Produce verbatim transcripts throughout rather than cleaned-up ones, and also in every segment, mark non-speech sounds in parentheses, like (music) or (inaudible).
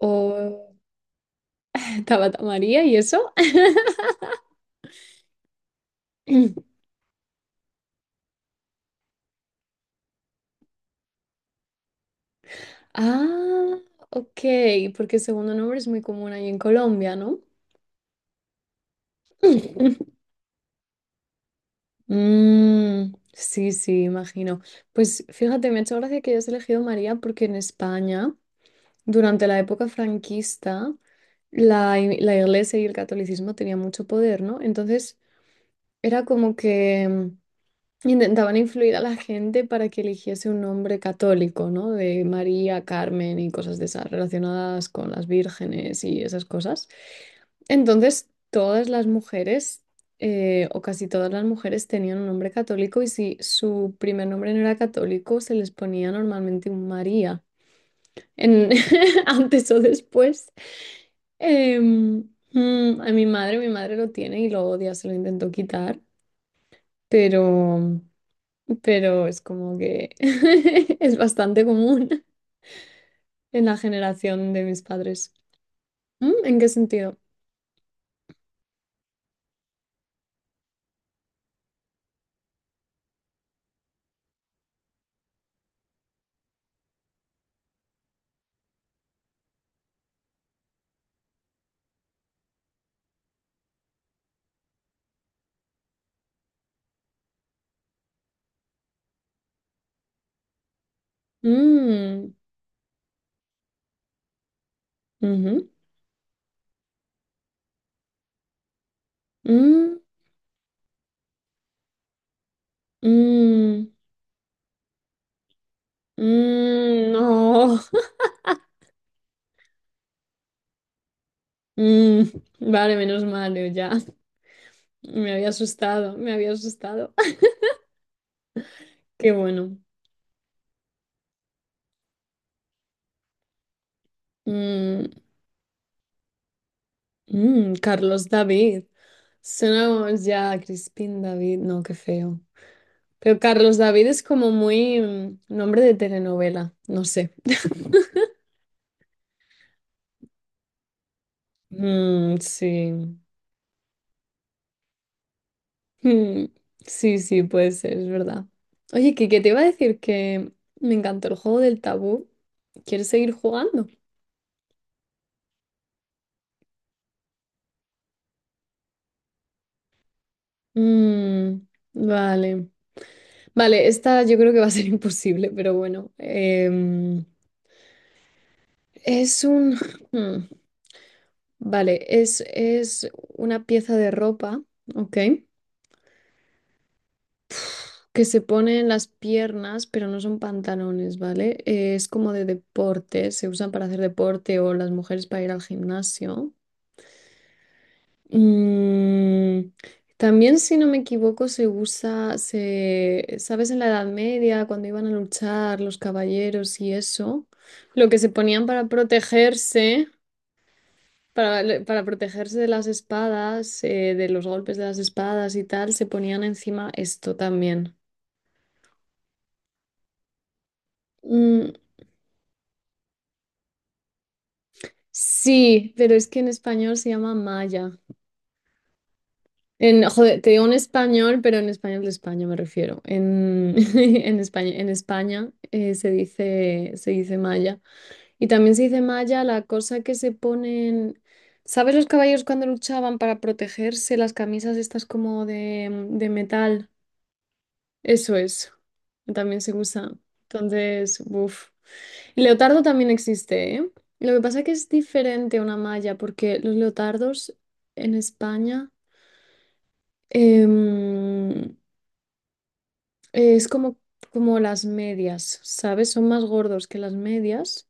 O (laughs) Tabata María y eso. (clears throat) (laughs) Ah, ok, porque el segundo nombre es muy común ahí en Colombia, ¿no? (laughs) Mm, sí, sí, imagino. Pues fíjate, me ha hecho gracia que hayas elegido María porque en España, durante la época franquista, la, i- la iglesia y el catolicismo tenían mucho poder, ¿no? Entonces, era como que intentaban influir a la gente para que eligiese un nombre católico, ¿no? De María, Carmen y cosas de esas relacionadas con las vírgenes y esas cosas. Entonces, todas las mujeres, eh, o casi todas las mujeres, tenían un nombre católico y si su primer nombre no era católico, se les ponía normalmente un María en- (laughs) antes o después. Em, mm, a mi madre, mi madre lo tiene y lo odia, se lo intentó quitar, pero pero es como que (laughs) es bastante común (laughs) en la generación de mis padres. Mm, ¿en qué sentido? Mm, ujú, mm, mm, mm, no. (laughs) Mm, vale, menos mal, yo ya. Me había asustado, me había asustado. (laughs) Qué bueno. Mm, mm, Carlos David. Sonamos ya Crispín David. No, qué feo. Pero Carlos David es como muy mm, nombre de telenovela. No sé. Mm, sí. Mm, sí, sí, puede ser, es verdad. Oye, que, que te iba a decir que me encantó el juego del tabú. ¿Quieres seguir jugando? Mm, vale. Vale, esta yo creo que va a ser (laughs) imposible, pero bueno. Em, es un... mm, vale, es, es una pieza de ropa, ¿ok? Que se pone en las piernas, pero no son pantalones, ¿vale? Eh, es como de deporte, se usan para hacer deporte o las mujeres para ir al gimnasio. Mm, también, si no me equivoco, se usa, se, ¿sabes? En la Edad Media, cuando iban a luchar los caballeros y eso, lo que se ponían para protegerse. Para, le- para protegerse de las espadas, eh, de los golpes de las espadas y tal, se ponían encima esto también. Mm, sí, pero es que en español se llama malla. En, joder, te digo en español, pero en español de España me refiero. En, (laughs) en España, en España eh, se dice, se dice malla. Y también se dice malla la cosa que se ponen. ¿Sabes los caballos cuando luchaban para protegerse? Las camisas estas como de, de metal. Eso es. También se usa. Entonces, uff. Leotardo también existe, ¿eh? Lo que pasa es que es diferente a una malla, porque los leotardos en España em, es como, como las medias, ¿sabes? Son más gordos que las medias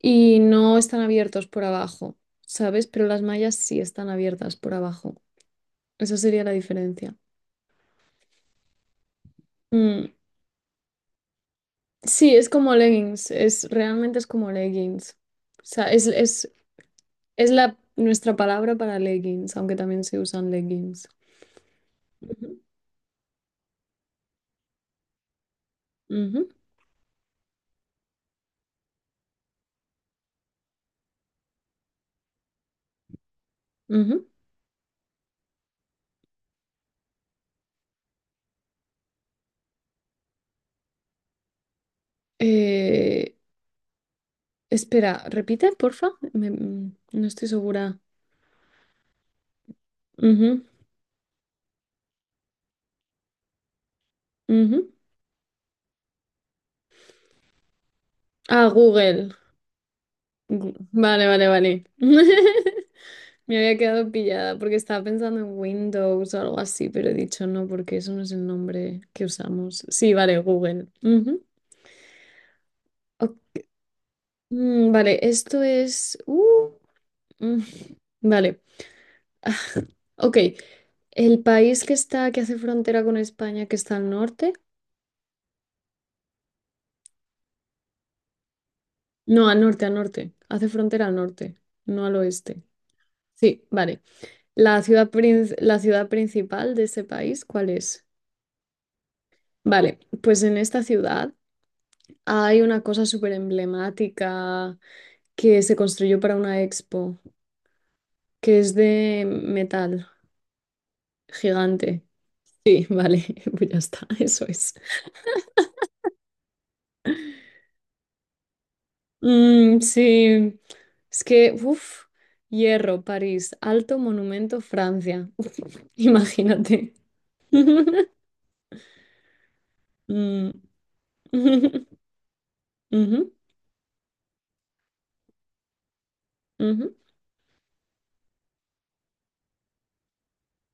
y no están abiertos por abajo, ¿sabes? Pero las mallas sí están abiertas por abajo. Esa sería la diferencia. Mm, sí, es como leggings, es, realmente es como leggings. O sea, es, es es la, nuestra palabra para leggings, aunque también se usan leggings. Ujú, ujú, ujú. Eh, espera, repite, porfa. Me- mm, no estoy segura. Ujú, ujú. Ah, Google. Gu- Vale, vale, vale. (laughs) Me había quedado pillada porque estaba pensando en Windows o algo así, pero he dicho no porque eso no es el nombre que usamos. Sí, vale, Google. Ujú. Ok, mm, vale, esto es... uh, mm, vale. (sighs) Ok, el país que está, que hace frontera con España, que está al norte. No, al norte, al norte. Hace frontera al norte, no al oeste. Sí, vale. La ciudad, prin- la ciudad principal de ese país, ¿cuál es? Vale, pues en esta ciudad hay una cosa súper emblemática que se construyó para una expo, que es de metal gigante. Sí, vale, (laughs) pues ya está, eso es. Mm, sí, es que, uff, hierro, París, alto monumento, Francia. (laughs) Imagínate. (laughs) Mm, (laughs) ujú, ujú,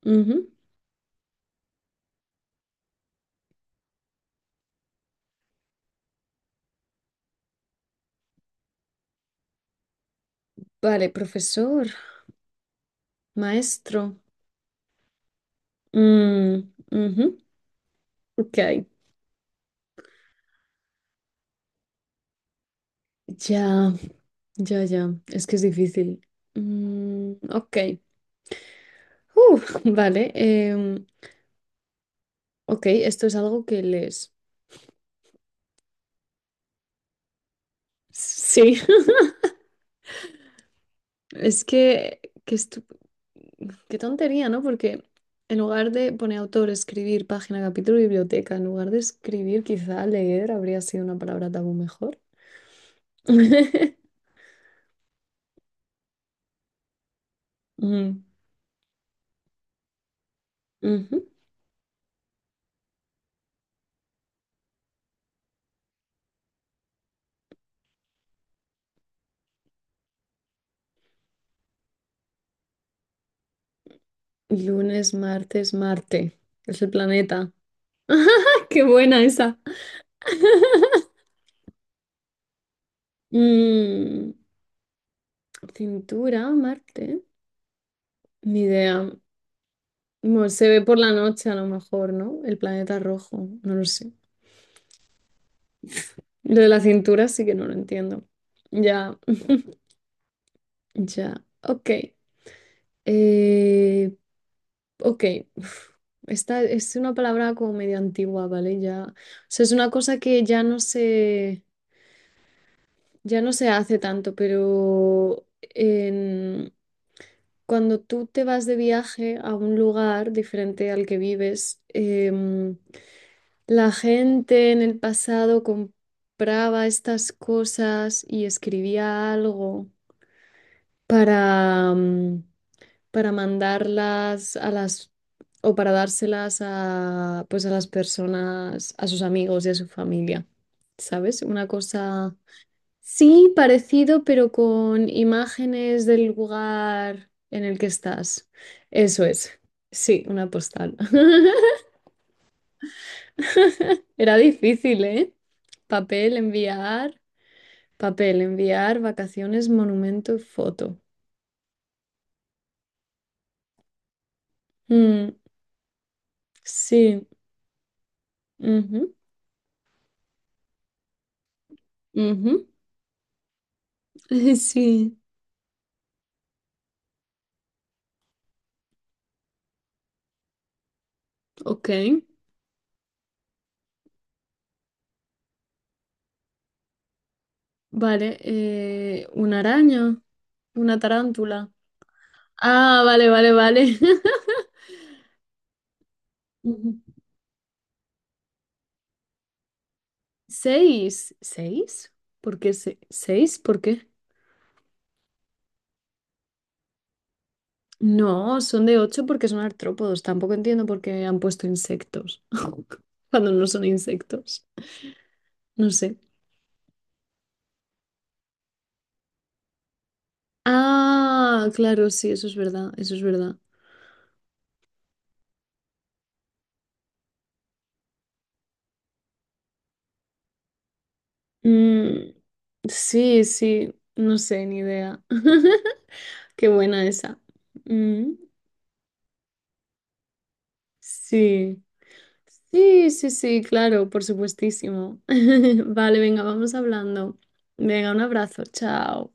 ujú. Vale, profesor, maestro. Mm, ujú, ok, ya, ya, ya, es que es difícil. Mm, ok, uf, vale, em, ok, esto es algo que les... Sí, (laughs) es que, que estu- qué tontería, ¿no? Porque en lugar de poner autor, escribir, página, capítulo, biblioteca, en lugar de escribir, quizá leer habría sido una palabra tabú mejor. (laughs) Mm, ujú. Lunes, martes, Marte. Es el planeta. (laughs) ¡Qué buena esa! Mm, cintura, Marte. Ni idea. Bueno, se ve por la noche a lo mejor, ¿no? El planeta rojo. No lo sé. Lo de la cintura sí que no lo entiendo. Ya, ya. Ok. Eh, ok, uf, esta es una palabra como medio antigua, ¿vale? Ya, o sea, es una cosa que ya no se, ya no se hace tanto, pero en- cuando tú te vas de viaje a un lugar diferente al que vives, em, la gente en el pasado compraba estas cosas y escribía algo para, mm, para mandarlas a las o para dárselas a pues a las personas, a sus amigos y a su familia. ¿Sabes? Una cosa sí parecido, pero con imágenes del lugar en el que estás. Eso es. Sí, una postal. (laughs) Era difícil, ¿eh? Papel, enviar, papel, enviar, vacaciones, monumento, foto. Mm, sí. Ujú, ujú. (laughs) Sí, ok. Vale, eh, una araña, una tarántula. Ah, vale, vale, vale. (laughs) Ujú. Seis, ¿seis? ¿Por qué se- ¿seis? ¿Por qué? No, son de ocho porque son artrópodos. Tampoco entiendo por qué han puesto insectos (laughs) cuando no son insectos. No sé. Ah, claro, sí, eso es verdad, eso es verdad. Mm, sí, sí, no sé, ni idea. (laughs) Qué buena esa. Mm, sí. Sí, sí, sí, claro, por supuestísimo. (laughs) Vale, venga, vamos hablando. Venga, un abrazo, chao.